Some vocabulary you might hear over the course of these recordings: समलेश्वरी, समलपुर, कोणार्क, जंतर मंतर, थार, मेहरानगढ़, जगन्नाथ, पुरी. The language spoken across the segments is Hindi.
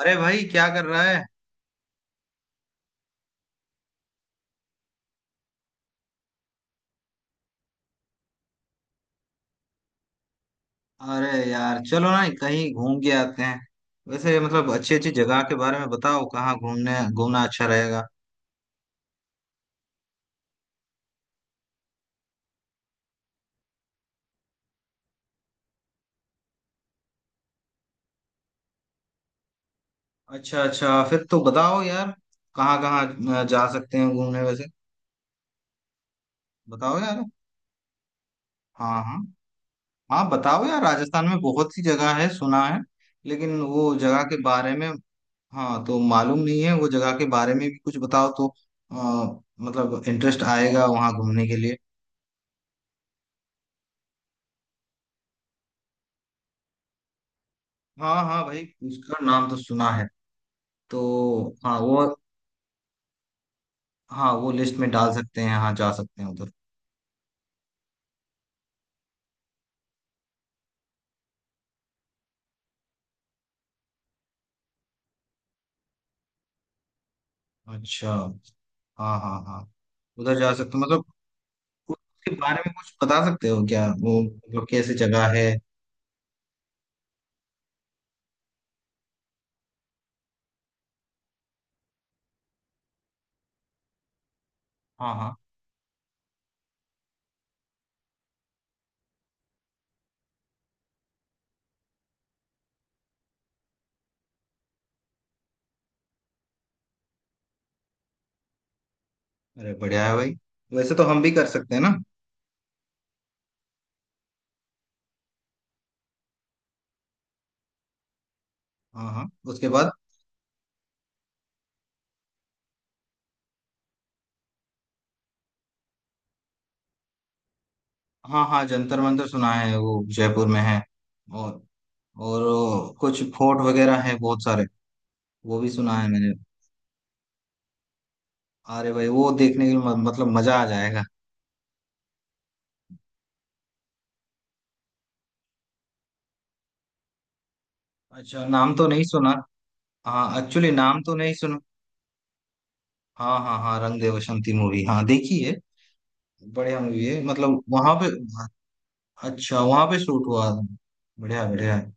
अरे भाई क्या कर रहा है। अरे यार चलो ना कहीं घूम के आते हैं। वैसे मतलब अच्छी अच्छी जगह के बारे में बताओ, कहाँ घूमने घूमना अच्छा रहेगा। अच्छा अच्छा फिर तो बताओ यार। कहाँ कहाँ जा सकते हैं घूमने वैसे। बताओ यार। हाँ हाँ। हाँ बताओ यार, राजस्थान में बहुत सी जगह है सुना है। लेकिन वो जगह के बारे में, हाँ तो मालूम नहीं है, वो जगह के बारे में भी कुछ बताओ तो। मतलब इंटरेस्ट आएगा वहाँ घूमने के लिए। हाँ हाँ भाई उसका नाम तो सुना है। तो। हाँ वो। हाँ वो लिस्ट में डाल सकते हैं, हाँ जा सकते हैं उधर। अच्छा। हाँ हाँ हाँ। उधर जा सकते हैं मतलब। उसके बारे में कुछ बता सकते हो क्या, वो मतलब कैसी जगह है। हाँ हाँ। अरे बढ़िया है भाई। वैसे तो हम भी कर सकते हैं ना। हाँ हाँ उसके बाद। हाँ हाँ जंतर मंतर सुना है, वो जयपुर में है। और। और वो कुछ फोर्ट वगैरह है बहुत सारे। वो भी सुना है मैंने। अरे भाई वो देखने के लिए मतलब मजा आ जाएगा। अच्छा नाम तो नहीं सुना। हाँ एक्चुअली नाम तो नहीं सुना। हाँ हाँ हाँ रंग दे बसंती मूवी, हाँ देखी है। बढ़िया मूवी है मतलब वहां पे। अच्छा वहां पे शूट हुआ। बढ़िया बढ़िया है।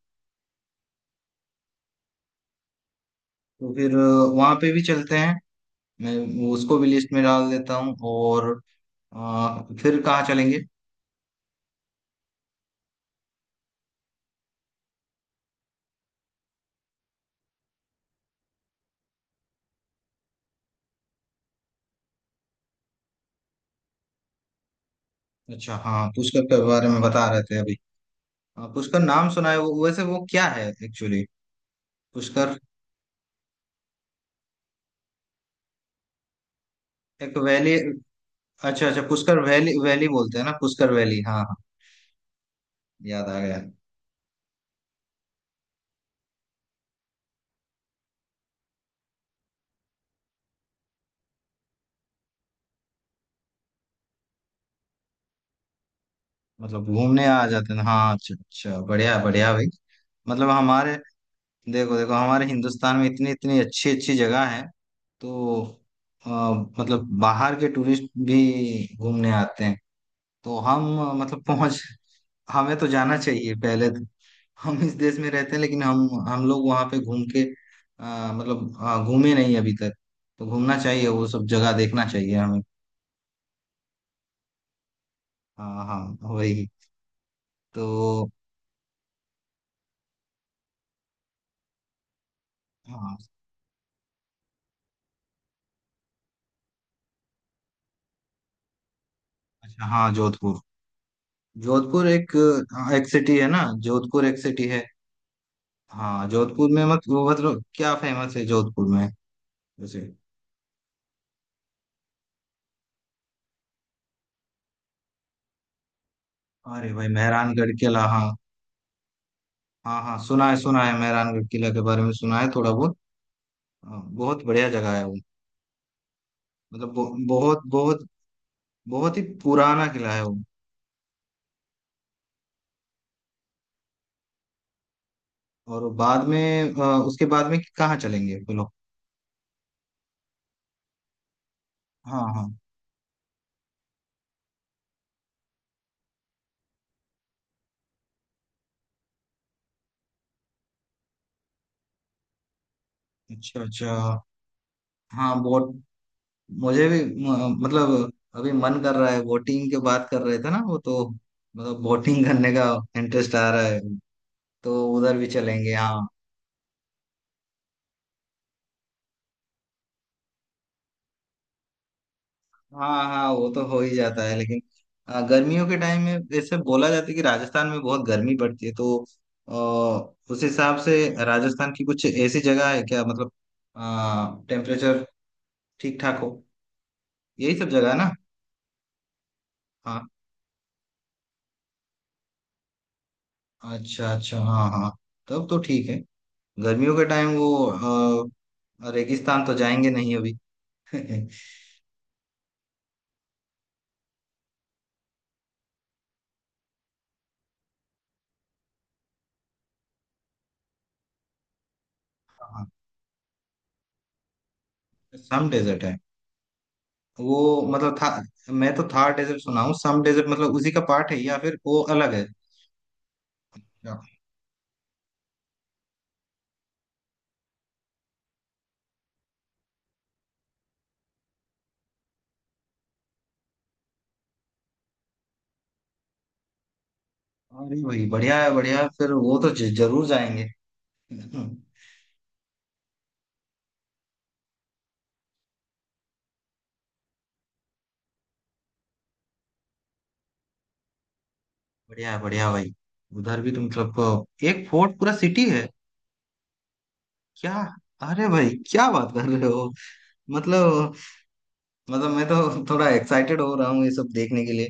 तो फिर वहां पे भी चलते हैं। मैं उसको भी लिस्ट में डाल देता हूँ और फिर कहाँ चलेंगे। अच्छा हाँ पुष्कर के बारे में बता रहे थे अभी। पुष्कर नाम सुना है वो, वैसे वो क्या है एक्चुअली पुष्कर। एक वैली। अच्छा अच्छा पुष्कर वैली, वैली बोलते हैं ना पुष्कर वैली, हाँ हाँ। याद आ गया। मतलब घूमने आ जाते हैं, हाँ अच्छा अच्छा बढ़िया बढ़िया भाई। मतलब हमारे, देखो देखो हमारे हिंदुस्तान में इतनी इतनी अच्छी अच्छी जगह है। तो अ, मतलब बाहर के टूरिस्ट भी घूमने आते हैं। तो हम मतलब पहुंच, हमें तो जाना चाहिए पहले तो। हम इस देश में रहते हैं लेकिन हम लोग वहां पे घूम के मतलब घूमे नहीं अभी तक। तो घूमना चाहिए, वो सब जगह देखना चाहिए हमें। हाँ हाँ। वही। तो। हाँ। अच्छा हाँ जोधपुर। जोधपुर एक, एक सिटी है ना जोधपुर, एक सिटी है। हाँ जोधपुर में मत वो मतलब क्या फेमस है जोधपुर में, जैसे। अरे भाई मेहरानगढ़ किला, हाँ। हाँ हाँ सुना है मेहरानगढ़ किला के बारे में सुना है थोड़ा बहुत। हाँ, बहुत बढ़िया जगह है वो। मतलब बहुत बहुत, बहुत ही पुराना किला है वो। और बाद में उसके बाद में कहाँ चलेंगे बोलो। हाँ हाँ। अच्छा अच्छा। हाँ बोट। मुझे भी मतलब अभी मन कर रहा है, बोटिंग के बात कर रहे थे ना वो तो। मतलब बोटिंग करने का इंटरेस्ट आ रहा है, तो उधर भी चलेंगे हाँ। हाँ हाँ वो तो हो ही जाता है, लेकिन गर्मियों के टाइम में जैसे बोला जाता है कि राजस्थान में बहुत गर्मी पड़ती है, तो अ, उस हिसाब से राजस्थान की कुछ ऐसी जगह है क्या मतलब टेम्परेचर ठीक ठाक हो। यही सब जगह है ना। हाँ, अच्छा अच्छा हाँ हाँ। तब तो ठीक है। गर्मियों के टाइम वो रेगिस्तान तो जाएंगे नहीं अभी। हाँ सम डेजर्ट है। वो मतलब था, मैं तो थार डेजर्ट सुना हूँ, सम डेजर्ट मतलब उसी का पार्ट है या फिर वो अलग है। हाँ नहीं भाई बढ़िया है बढ़िया है, फिर वो तो जरूर जाएंगे। हम्म, बढ़िया है भाई। उधर भी तुम मतलब एक फोर्ट पूरा सिटी है क्या। अरे भाई क्या बात कर रहे हो। मतलब, मतलब मैं तो थोड़ा एक्साइटेड हो रहा हूँ ये सब देखने के लिए।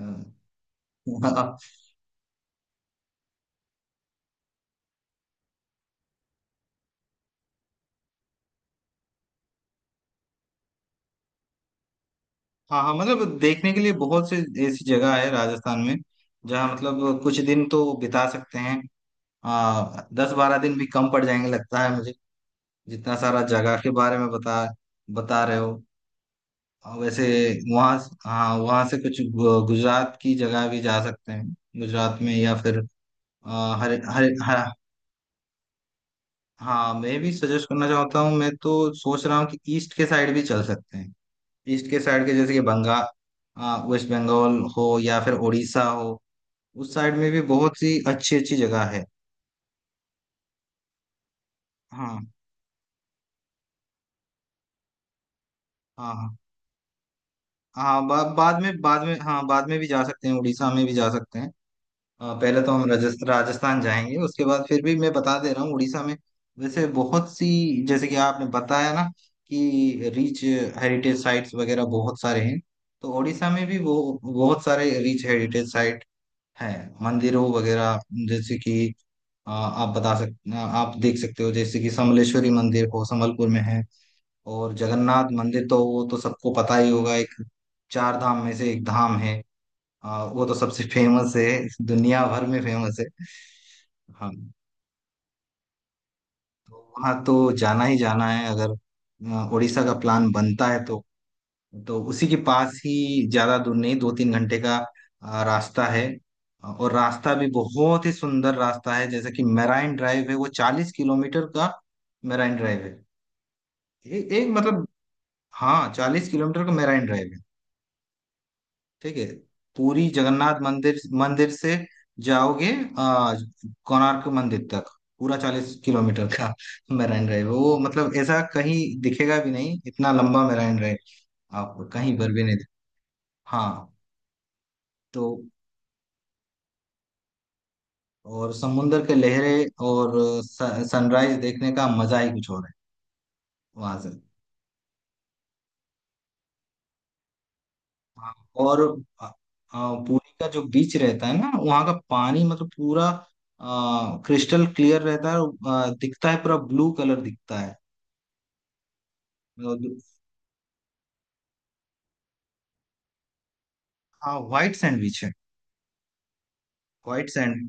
हाँ हाँ। हाँ, मतलब देखने के लिए बहुत से ऐसी जगह है राजस्थान में, जहाँ मतलब कुछ दिन तो बिता सकते हैं। 10-12 दिन भी कम पड़ जाएंगे लगता है मुझे, जितना सारा जगह के बारे में बता, बता रहे हो। और वैसे वहाँ, हाँ वहाँ से कुछ गुजरात की जगह भी जा सकते हैं, गुजरात में या फिर अ, हर हर हर। हाँ मैं भी सजेस्ट करना चाहता हूँ, मैं तो सोच रहा हूँ कि ईस्ट के साइड भी चल सकते हैं। ईस्ट के साइड के जैसे कि बंगाल, वेस्ट बंगाल हो या फिर उड़ीसा हो। उस साइड में भी बहुत सी अच्छी अच्छी जगह है। हाँ हाँ। हाँ हाँ बाद में, बाद में, हाँ बाद में भी जा सकते हैं, उड़ीसा में भी जा सकते हैं। पहले तो हम राजस्थान जाएंगे, उसके बाद फिर भी मैं बता दे रहा हूँ उड़ीसा में। वैसे बहुत सी, जैसे कि आपने बताया ना कि रिच हेरिटेज साइट्स वगैरह बहुत सारे हैं, तो उड़ीसा में भी वो बहुत सारे रिच हेरिटेज साइट हैं, मंदिरों वगैरह, जैसे कि आप बता सकते, आप देख सकते हो, जैसे कि समलेश्वरी मंदिर हो, समलपुर में है। और जगन्नाथ मंदिर तो वो तो सबको पता ही होगा, एक चार धाम में से एक धाम है। हाँ वो तो सबसे फेमस है, दुनिया भर में फेमस है। हाँ तो वहाँ तो जाना ही जाना है, अगर उड़ीसा का प्लान बनता है तो। तो उसी के पास ही, ज्यादा दूर नहीं, 2-3 घंटे का रास्ता है। और रास्ता भी बहुत ही सुंदर रास्ता है, जैसे कि मेराइन ड्राइव है वो, 40 किलोमीटर का मेराइन ड्राइव है। एक मतलब। हाँ 40 किलोमीटर का मेराइन ड्राइव। ठीक है। पूरी जगन्नाथ मंदिर मंदिर से जाओगे, आ, कोणार्क मंदिर तक, पूरा 40 किलोमीटर का मेराइन ड्राइव है। वो मतलब ऐसा कहीं दिखेगा भी नहीं, इतना लंबा मेराइन ड्राइव, आप कहीं पर भी नहीं। हाँ, तो और समुंदर के लहरें और सनराइज देखने का मजा ही कुछ और है वहां से। हाँ, और आ, आ, पुरी का जो बीच रहता है ना, वहाँ का पानी मतलब पूरा क्रिस्टल क्लियर रहता है, और दिखता है, पूरा ब्लू कलर दिखता है। मतलब, हाँ व्हाइट सैंडविच है, व्हाइट सैंड।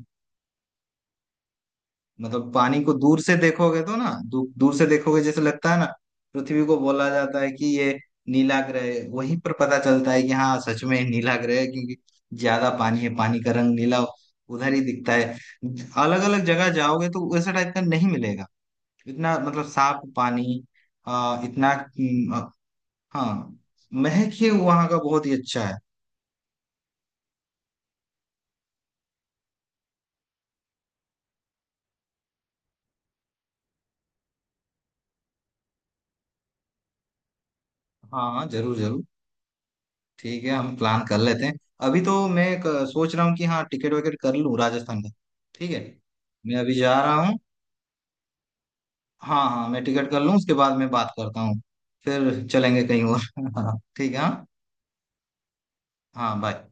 मतलब पानी को दूर से देखोगे तो ना दूर से देखोगे, जैसे लगता है ना पृथ्वी को बोला जाता है कि ये नीला ग्रह है, वहीं पर पता चलता है कि हाँ सच में नीला ग्रह है, क्योंकि ज्यादा पानी है, पानी का रंग नीला उधर ही दिखता है। अलग अलग जगह जाओगे तो वैसा टाइप का नहीं मिलेगा, इतना मतलब साफ पानी, इतना हाँ महक ही वहां का बहुत ही अच्छा है। हाँ हाँ, जरूर जरूर। ठीक है हम प्लान कर लेते हैं। अभी तो मैं एक, सोच रहा हूँ कि हाँ टिकट विकेट कर लूँ राजस्थान का। ठीक है। मैं अभी जा रहा हूँ। हाँ हाँ मैं टिकट कर लूँ, उसके बाद मैं बात करता हूँ। फिर चलेंगे कहीं और। हाँ ठीक है हाँ। हाँ बाय।